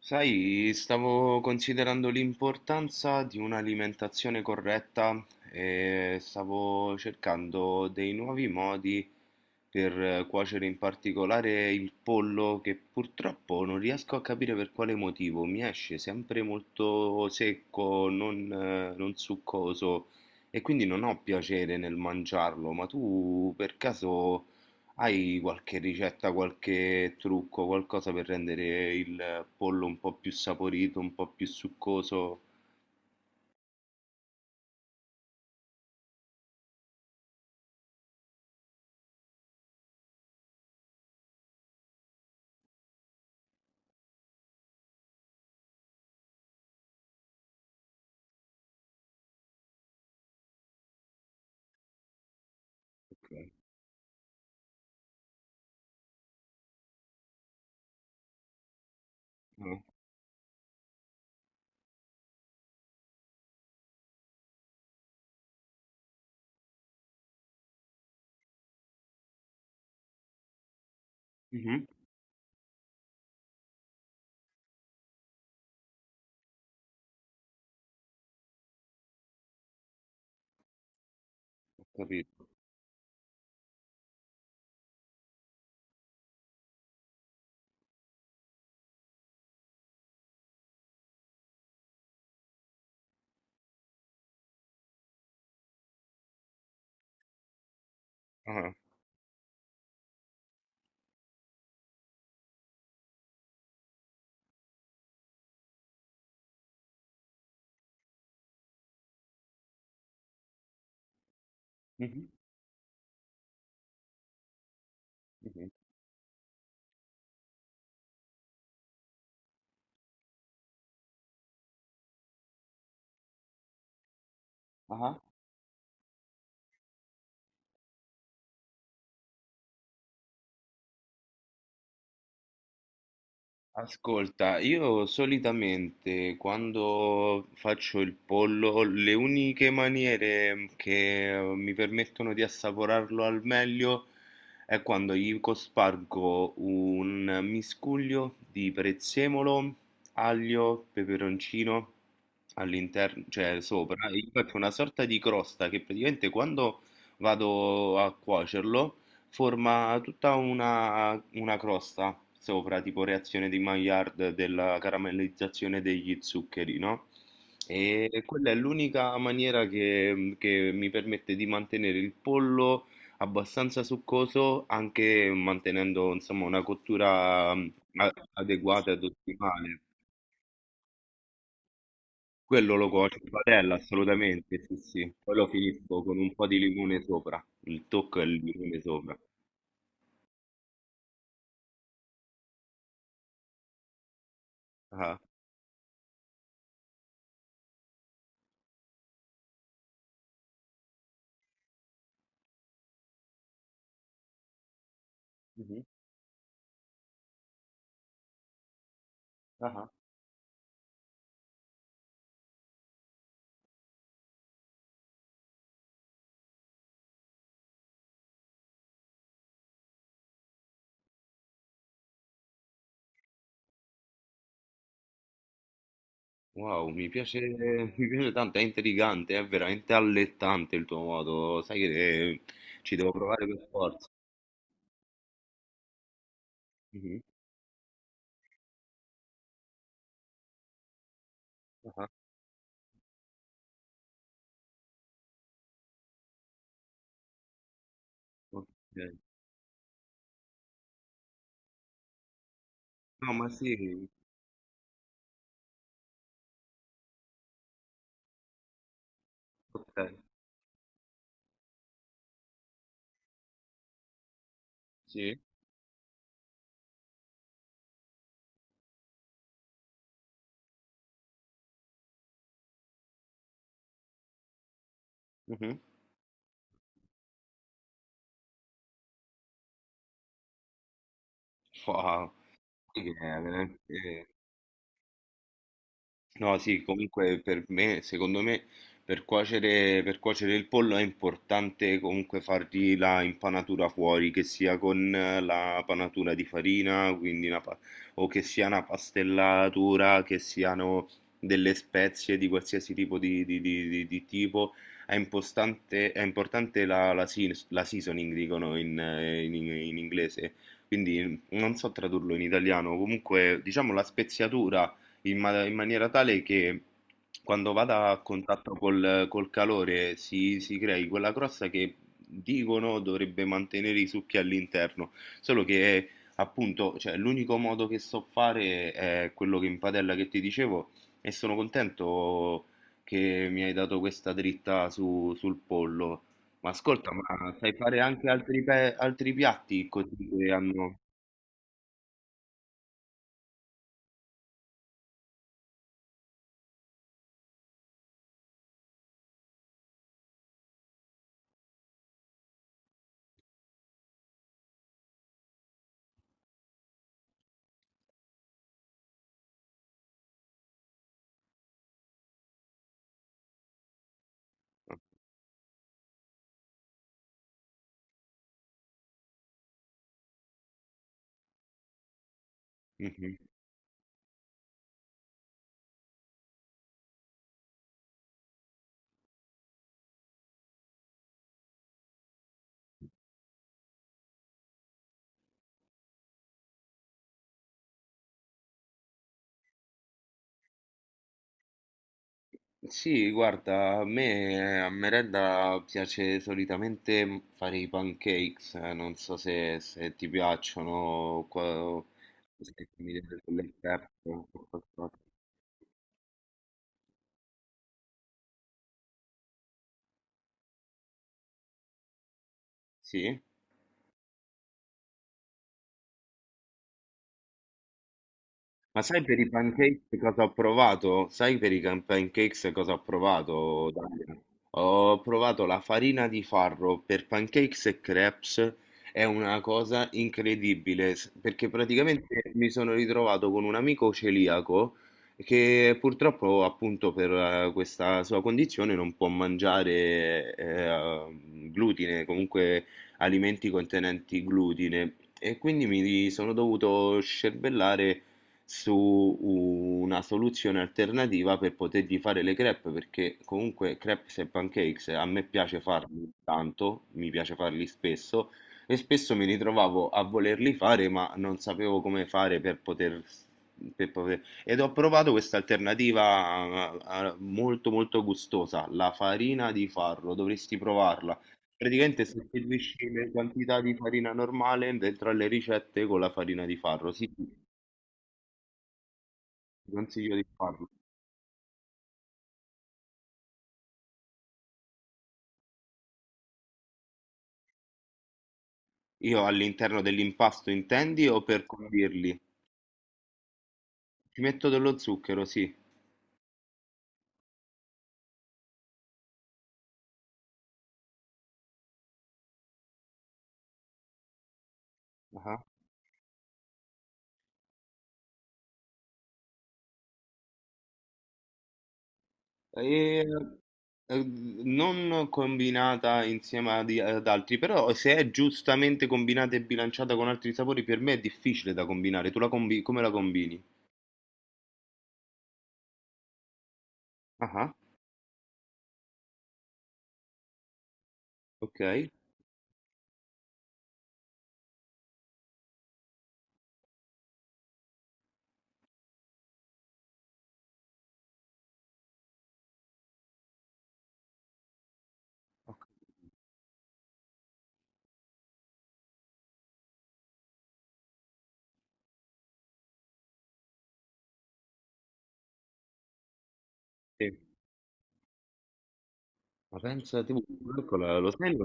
Sai, stavo considerando l'importanza di un'alimentazione corretta e stavo cercando dei nuovi modi per cuocere in particolare il pollo che purtroppo non riesco a capire per quale motivo mi esce sempre molto secco, non, non succoso e quindi non ho piacere nel mangiarlo, ma tu per caso... Hai qualche ricetta, qualche trucco, qualcosa per rendere il pollo un po' più saporito, un po' più succoso? Ok. Ah. Mhm. Ho capito. Ah. Mhm. Mhm. Ah. Ascolta, io solitamente quando faccio il pollo, le uniche maniere che mi permettono di assaporarlo al meglio è quando gli cospargo un miscuglio di prezzemolo, aglio, peperoncino all'interno, cioè sopra, e gli faccio una sorta di crosta che praticamente quando vado a cuocerlo forma tutta una crosta sopra, tipo reazione di Maillard della caramellizzazione degli zuccheri, no? E quella è l'unica maniera che mi permette di mantenere il pollo abbastanza succoso, anche mantenendo, insomma, una cottura adeguata ed ottimale. Quello lo cuocio in padella, assolutamente, sì, sì. Poi lo finisco con un po' di limone sopra. Il tocco è il limone sopra. Ah. Mhm. Ah. Wow, mi piace, mi piace tanto, è intrigante, è veramente allettante il tuo modo, sai che ci devo provare per forza. Mhm. Ah, ok. No, ma sì, ok, sì. Mhm. Wow, sì che è veramente... No, sì, comunque per me, secondo me, per cuocere il pollo è importante comunque fargli la impanatura fuori, che sia con la panatura di farina, quindi una o che sia una pastellatura, che siano delle spezie di qualsiasi tipo di tipo. È importante la la seasoning, dicono in in inglese, quindi non so tradurlo in italiano, comunque diciamo la speziatura in, in maniera tale che quando vada a contatto col, col calore si, si crei quella crosta che dicono dovrebbe mantenere i succhi all'interno, solo che appunto, cioè, l'unico modo che so fare è quello che in padella che ti dicevo e sono contento che mi hai dato questa dritta sul pollo. Ma ascolta, ma sai fare anche altri, altri piatti così che hanno... Mhm. Sì, guarda, a me a merenda piace solitamente fare i pancakes, non so se ti piacciono, o se mi dai del prep o qualcosa. Sì? Ma sai per i pancakes cosa ho provato? Sai per i pancakes cosa ho provato, Dalia? Ho provato la farina di farro per pancakes e crepes, è una cosa incredibile, s- perché praticamente mi sono ritrovato con un amico celiaco che purtroppo appunto per questa sua condizione non può mangiare glutine, comunque alimenti contenenti glutine, e quindi mi sono dovuto scervellare su una soluzione alternativa per potergli fare le crepe, perché comunque crepes e pancakes a me piace farli tanto, mi piace farli spesso e spesso mi ritrovavo a volerli fare, ma non sapevo come fare per poter- Ed ho provato questa alternativa molto molto gustosa, la farina di farro, dovresti provarla. Praticamente sostituisci le quantità di farina normale dentro alle ricette con la farina di farro. Sì, sì. Ti consiglio di farlo. Io all'interno dell'impasto intendi o per condirli? Ci metto dello zucchero, sì. Ah. E, eh, non combinata insieme ad, ad altri, però se è giustamente combinata e bilanciata con altri sapori, per me è difficile da combinare. Tu la come la combini? Ah, ok. Ok. Sì. Ma pensa, tipo, eccola, lo sai?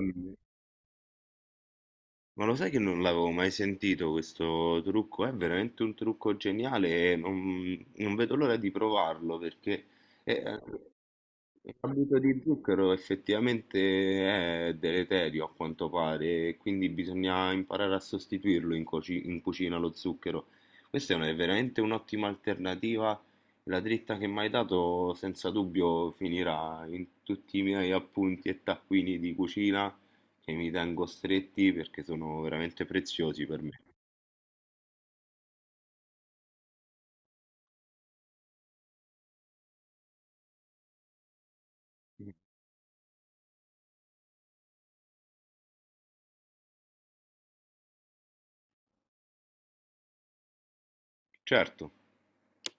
Ma lo sai che non l'avevo mai sentito questo trucco? È veramente un trucco geniale e non, non vedo l'ora di provarlo perché eh, l'abito di zucchero effettivamente è deleterio a quanto pare, e quindi bisogna imparare a sostituirlo in, in cucina lo zucchero. Questa è è veramente un'ottima alternativa. La dritta che mi hai dato senza dubbio finirà in tutti i miei appunti e taccuini di cucina che mi tengo stretti perché sono veramente preziosi per me. Certo.